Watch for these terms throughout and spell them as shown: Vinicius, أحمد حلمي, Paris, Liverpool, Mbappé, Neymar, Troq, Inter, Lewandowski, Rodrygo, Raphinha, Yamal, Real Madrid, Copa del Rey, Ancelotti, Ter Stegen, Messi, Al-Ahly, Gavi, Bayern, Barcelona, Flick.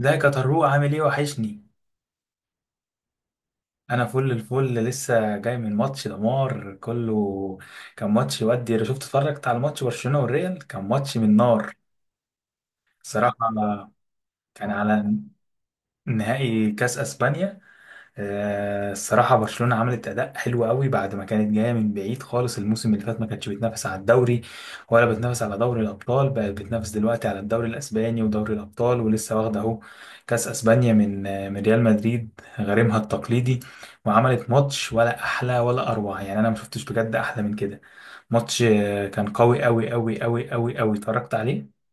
ازيك يا طروق، عامل ايه؟ وحشني. انا فل الفل، لسه جاي من ماتش دمار كله. كان ماتش، ودي اتفرجت على ماتش برشلونة والريال، كان ماتش من نار صراحة. كان على نهائي كاس اسبانيا. الصراحة برشلونة عملت أداء حلو قوي، بعد ما كانت جاية من بعيد خالص. الموسم اللي فات ما كانتش بتنافس على الدوري ولا بتنافس على دوري الأبطال، بقت بتنافس دلوقتي على الدوري الأسباني ودوري الأبطال، ولسه واخدة أهو كأس أسبانيا من من ريال مدريد غريمها التقليدي. وعملت ماتش ولا أحلى ولا أروع، يعني أنا ما شفتش بجد أحلى من كده. ماتش كان قوي قوي قوي قوي قوي قوي، اتفرجت عليه.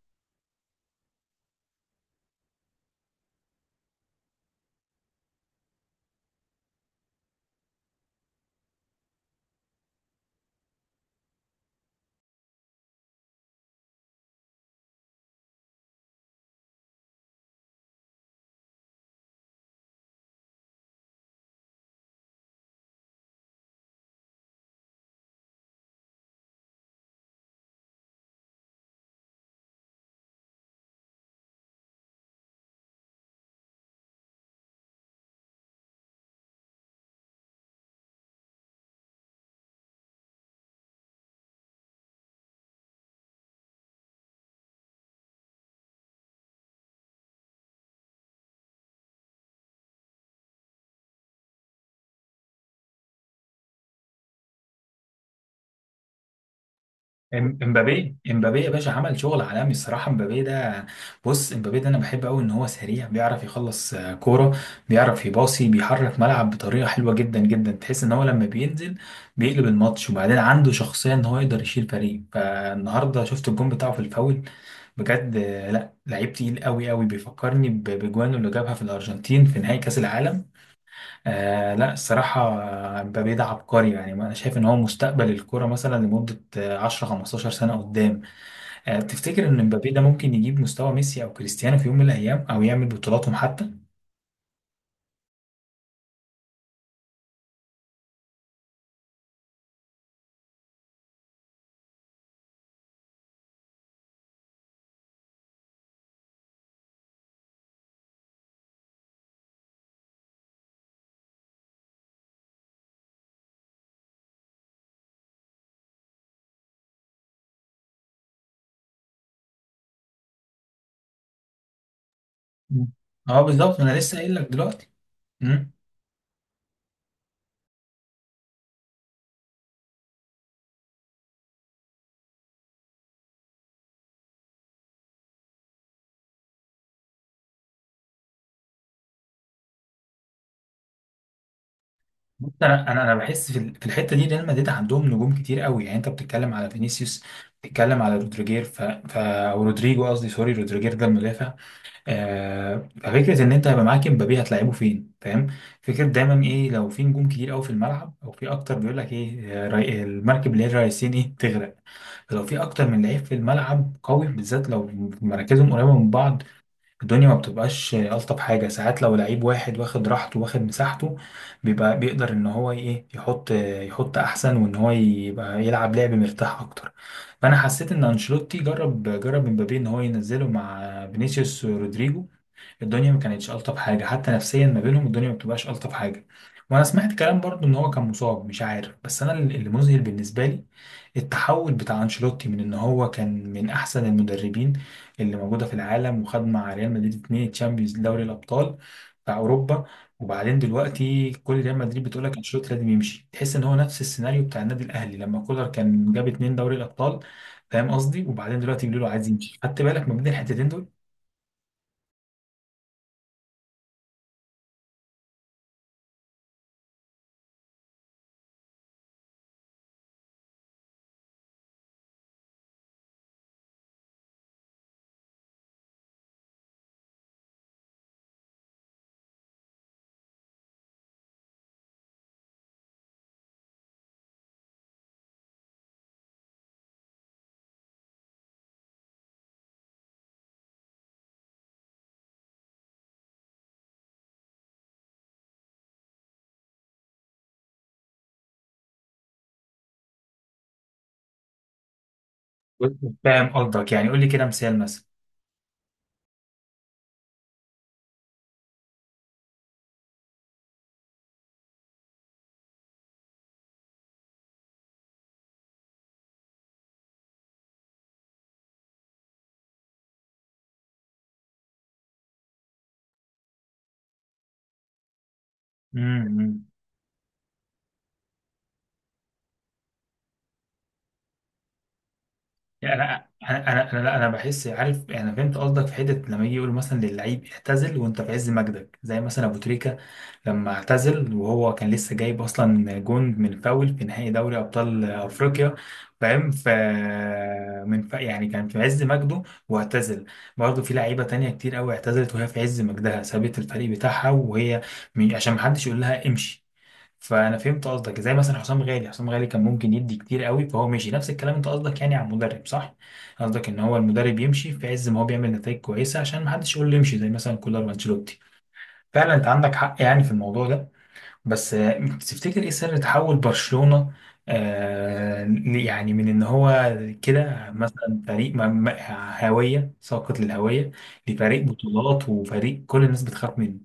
إم- امبابي يا باشا عمل شغل عالمي الصراحه. امبابي ده، بص امبابي ده انا بحب قوي ان هو سريع، بيعرف يخلص كوره، بيعرف يباصي، بيحرك ملعب بطريقه حلوه جدا جدا. تحس ان هو لما بينزل بيقلب الماتش. وبعدين عنده شخصيه، ان هو يقدر يشيل فريق. فالنهارده شفت الجون بتاعه في الفاول، بجد لا، لعيب تقيل قوي قوي. بيفكرني بجوانه اللي جابها في الارجنتين في نهائي كاس العالم. لا الصراحة. مبابي ده عبقري، يعني أنا شايف إن هو مستقبل الكرة، مثلا لمدة 10 15 سنة قدام. بتفتكر إن مبابي ده ممكن يجيب مستوى ميسي أو كريستيانو في يوم من الأيام، أو يعمل بطولاتهم حتى؟ مم. أه بالظبط، أنا لسه قايل لك دلوقتي. مم. بص، أنا بحس في في الحتة دي ريال مدريد عندهم نجوم كتير قوي. يعني أنت بتتكلم على فينيسيوس، بتتكلم على رودريجير، أو رودريجو قصدي، سوري، رودريجير ده المدافع. ففكرة إن أنت هيبقى معاك إمبابي، هتلعبه فين؟ فاهم؟ فكرة دايما إيه؟ لو في نجوم كتير أوي في الملعب أو في أكتر، بيقول لك إيه، المركب اللي هي الرئيسين إيه؟ تغرق. فلو في أكتر من لعيب في الملعب قوي، بالذات لو مراكزهم قريبة من بعض، الدنيا ما بتبقاش ألطف حاجة. ساعات لو لعيب واحد واخد راحته، واخد مساحته، بيبقى بيقدر إن هو إيه، يحط يحط أحسن، وإن هو يبقى يلعب لعب مرتاح أكتر. فأنا حسيت إن أنشيلوتي جرب إمبابي إن هو ينزله مع فينيسيوس، رودريجو. الدنيا ما كانتش الطف حاجه، حتى نفسيا ما بينهم الدنيا ما بتبقاش الطف حاجه. وانا سمعت كلام برضو ان هو كان مصاب، مش عارف. بس انا اللي مذهل بالنسبه لي التحول بتاع انشيلوتي، من ان هو كان من احسن المدربين اللي موجوده في العالم، وخد مع ريال مدريد اتنين تشامبيونز دوري الابطال بتاع اوروبا. وبعدين دلوقتي كل ريال مدريد بتقول لك انشيلوتي لازم يمشي. تحس ان هو نفس السيناريو بتاع النادي الاهلي لما كولر كان جاب اتنين دوري الابطال، فاهم قصدي؟ وبعدين دلوقتي بيقولوا له عايز يمشي. خدت بالك ما بين الحتتين دول؟ فاهم قصدك. يعني قول لي كده مثال، مثلا. امم. يعني انا انا انا انا لا انا بحس، عارف، انا فهمت قصدك في حته. لما يجي يقولوا مثلا للعيب اعتزل وانت في عز مجدك، زي مثلا ابو تريكه لما اعتزل وهو كان لسه جايب اصلا جون من فاول في نهائي دوري ابطال افريقيا. فاهم؟ يعني كان في عز مجده واعتزل. برضه في لعيبه تانية كتير قوي اعتزلت وهي في عز مجدها، سابت الفريق بتاعها وهي عشان محدش يقول لها امشي. فانا فهمت قصدك. زي مثلا حسام غالي، حسام غالي كان ممكن يدي كتير قوي فهو ماشي، نفس الكلام. انت قصدك يعني على المدرب، صح؟ قصدك ان هو المدرب يمشي في عز ما هو بيعمل نتائج كويسه، عشان ما حدش يقول له يمشي، زي مثلا كولر وانشيلوتي. فعلا انت عندك حق يعني في الموضوع ده. بس تفتكر ايه سر تحول برشلونه؟ يعني من ان هو كده مثلا فريق هاويه، ساقط للهويه، لفريق بطولات وفريق كل الناس بتخاف منه.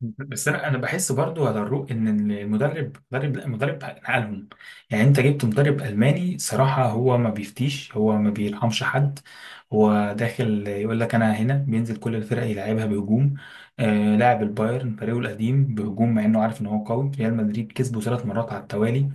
بس انا بحس برضو على الرو ان المدرب، لا، مدرب نقلهم. يعني انت جبت مدرب الماني صراحه هو ما بيفتيش، هو ما بيرحمش حد. هو داخل يقول لك انا هنا، بينزل كل الفرق يلعبها بهجوم. آه، لاعب البايرن فريقه القديم بهجوم، مع انه عارف ان هو قوي. ريال مدريد كسبه ثلاث مرات على التوالي.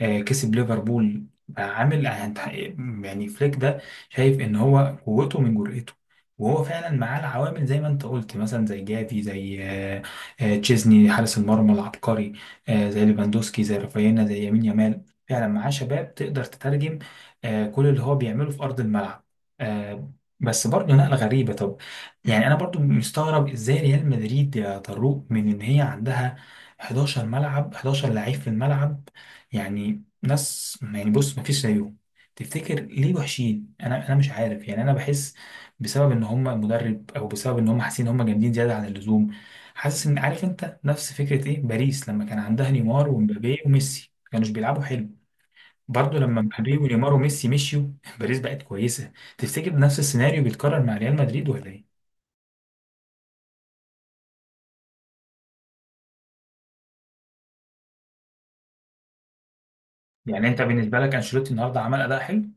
كسب ليفربول بقى، عامل. يعني فليك ده، شايف ان هو قوته من جرأته. وهو فعلا معاه العوامل زي ما انت قلت، مثلا زي جافي، زي تشيزني حارس المرمى العبقري، زي ليفاندوسكي، زي رافينا، زي يمين يامال. فعلا معاه شباب تقدر تترجم كل اللي هو بيعمله في ارض الملعب. آه، بس برضه نقلة غريبة. طب يعني انا برضه مستغرب، ازاي ريال مدريد يا طروق من ان هي عندها 11 ملعب، 11 لعيب في الملعب، يعني ناس، يعني بص مفيش زيهم، تفتكر ليه وحشين؟ انا مش عارف يعني. انا بحس بسبب ان هم المدرب، او بسبب ان هم حاسين ان هم جامدين زياده عن اللزوم. حاسس، ان، عارف انت نفس فكره ايه باريس لما كان عندها نيمار ومبابي وميسي، ما كانوش بيلعبوا حلو. برضه لما مبابي ونيمار وميسي مشيوا باريس بقت كويسه. تفتكر نفس السيناريو بيتكرر مع ريال مدريد ولا ايه؟ يعني انت بالنسبه لك انشيلوتي النهارده عمل اداء حلو؟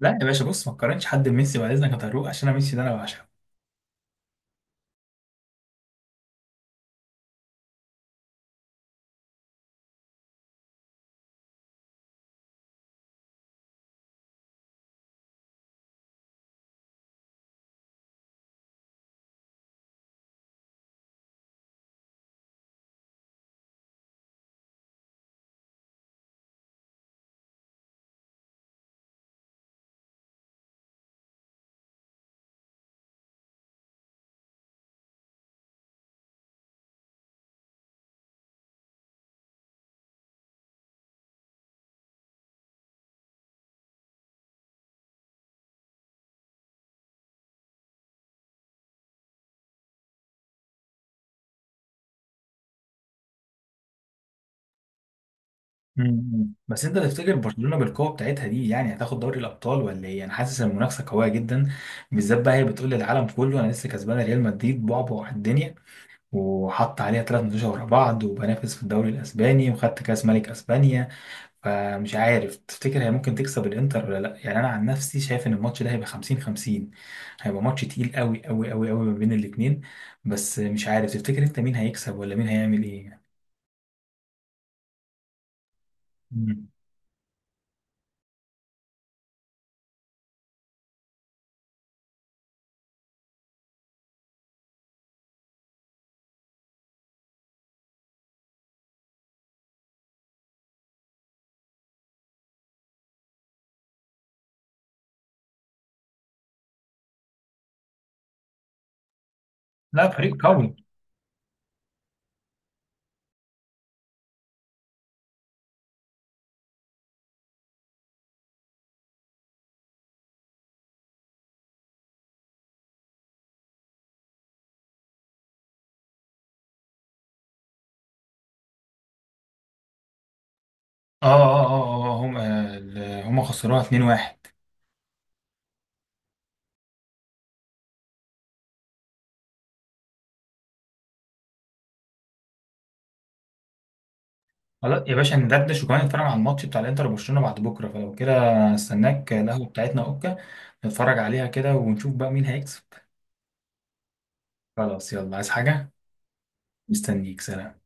لا يا باشا، بص ما تقارنش حد بميسي بعد اذنك يا طارق، عشان انا ميسي ده انا بعشقه. مم. بس انت تفتكر برشلونه بالقوه بتاعتها دي يعني هتاخد دوري الابطال ولا ايه؟ انا حاسس ان المنافسه قويه جدا، بالذات بقى هي بتقول للعالم كله انا لسه كسبانه ريال مدريد بعبع الدنيا، وحط عليها ثلاث ماتشات ورا بعض، وبنافس في الدوري الاسباني، وخدت كاس ملك اسبانيا. فمش عارف، تفتكر هي ممكن تكسب الانتر ولا لا؟ يعني انا عن نفسي شايف ان الماتش ده هيبقى 50 50، هيبقى ماتش تقيل قوي قوي قوي قوي ما بين الاثنين. بس مش عارف تفتكر انت مين هيكسب ولا مين هيعمل ايه؟ مم. لا فريق قوي. اه، اه، اه، اه، اه، اه، هم هم خسروها 2-1. خلاص يا باشا ندردش، وكمان نتفرج على الماتش بتاع الانتر وبرشلونه بعد بكره. فلو كده استناك، القهوه بتاعتنا، اوكا؟ نتفرج عليها كده ونشوف بقى مين هيكسب. خلاص، يلا، عايز حاجه؟ مستنيك، سلام.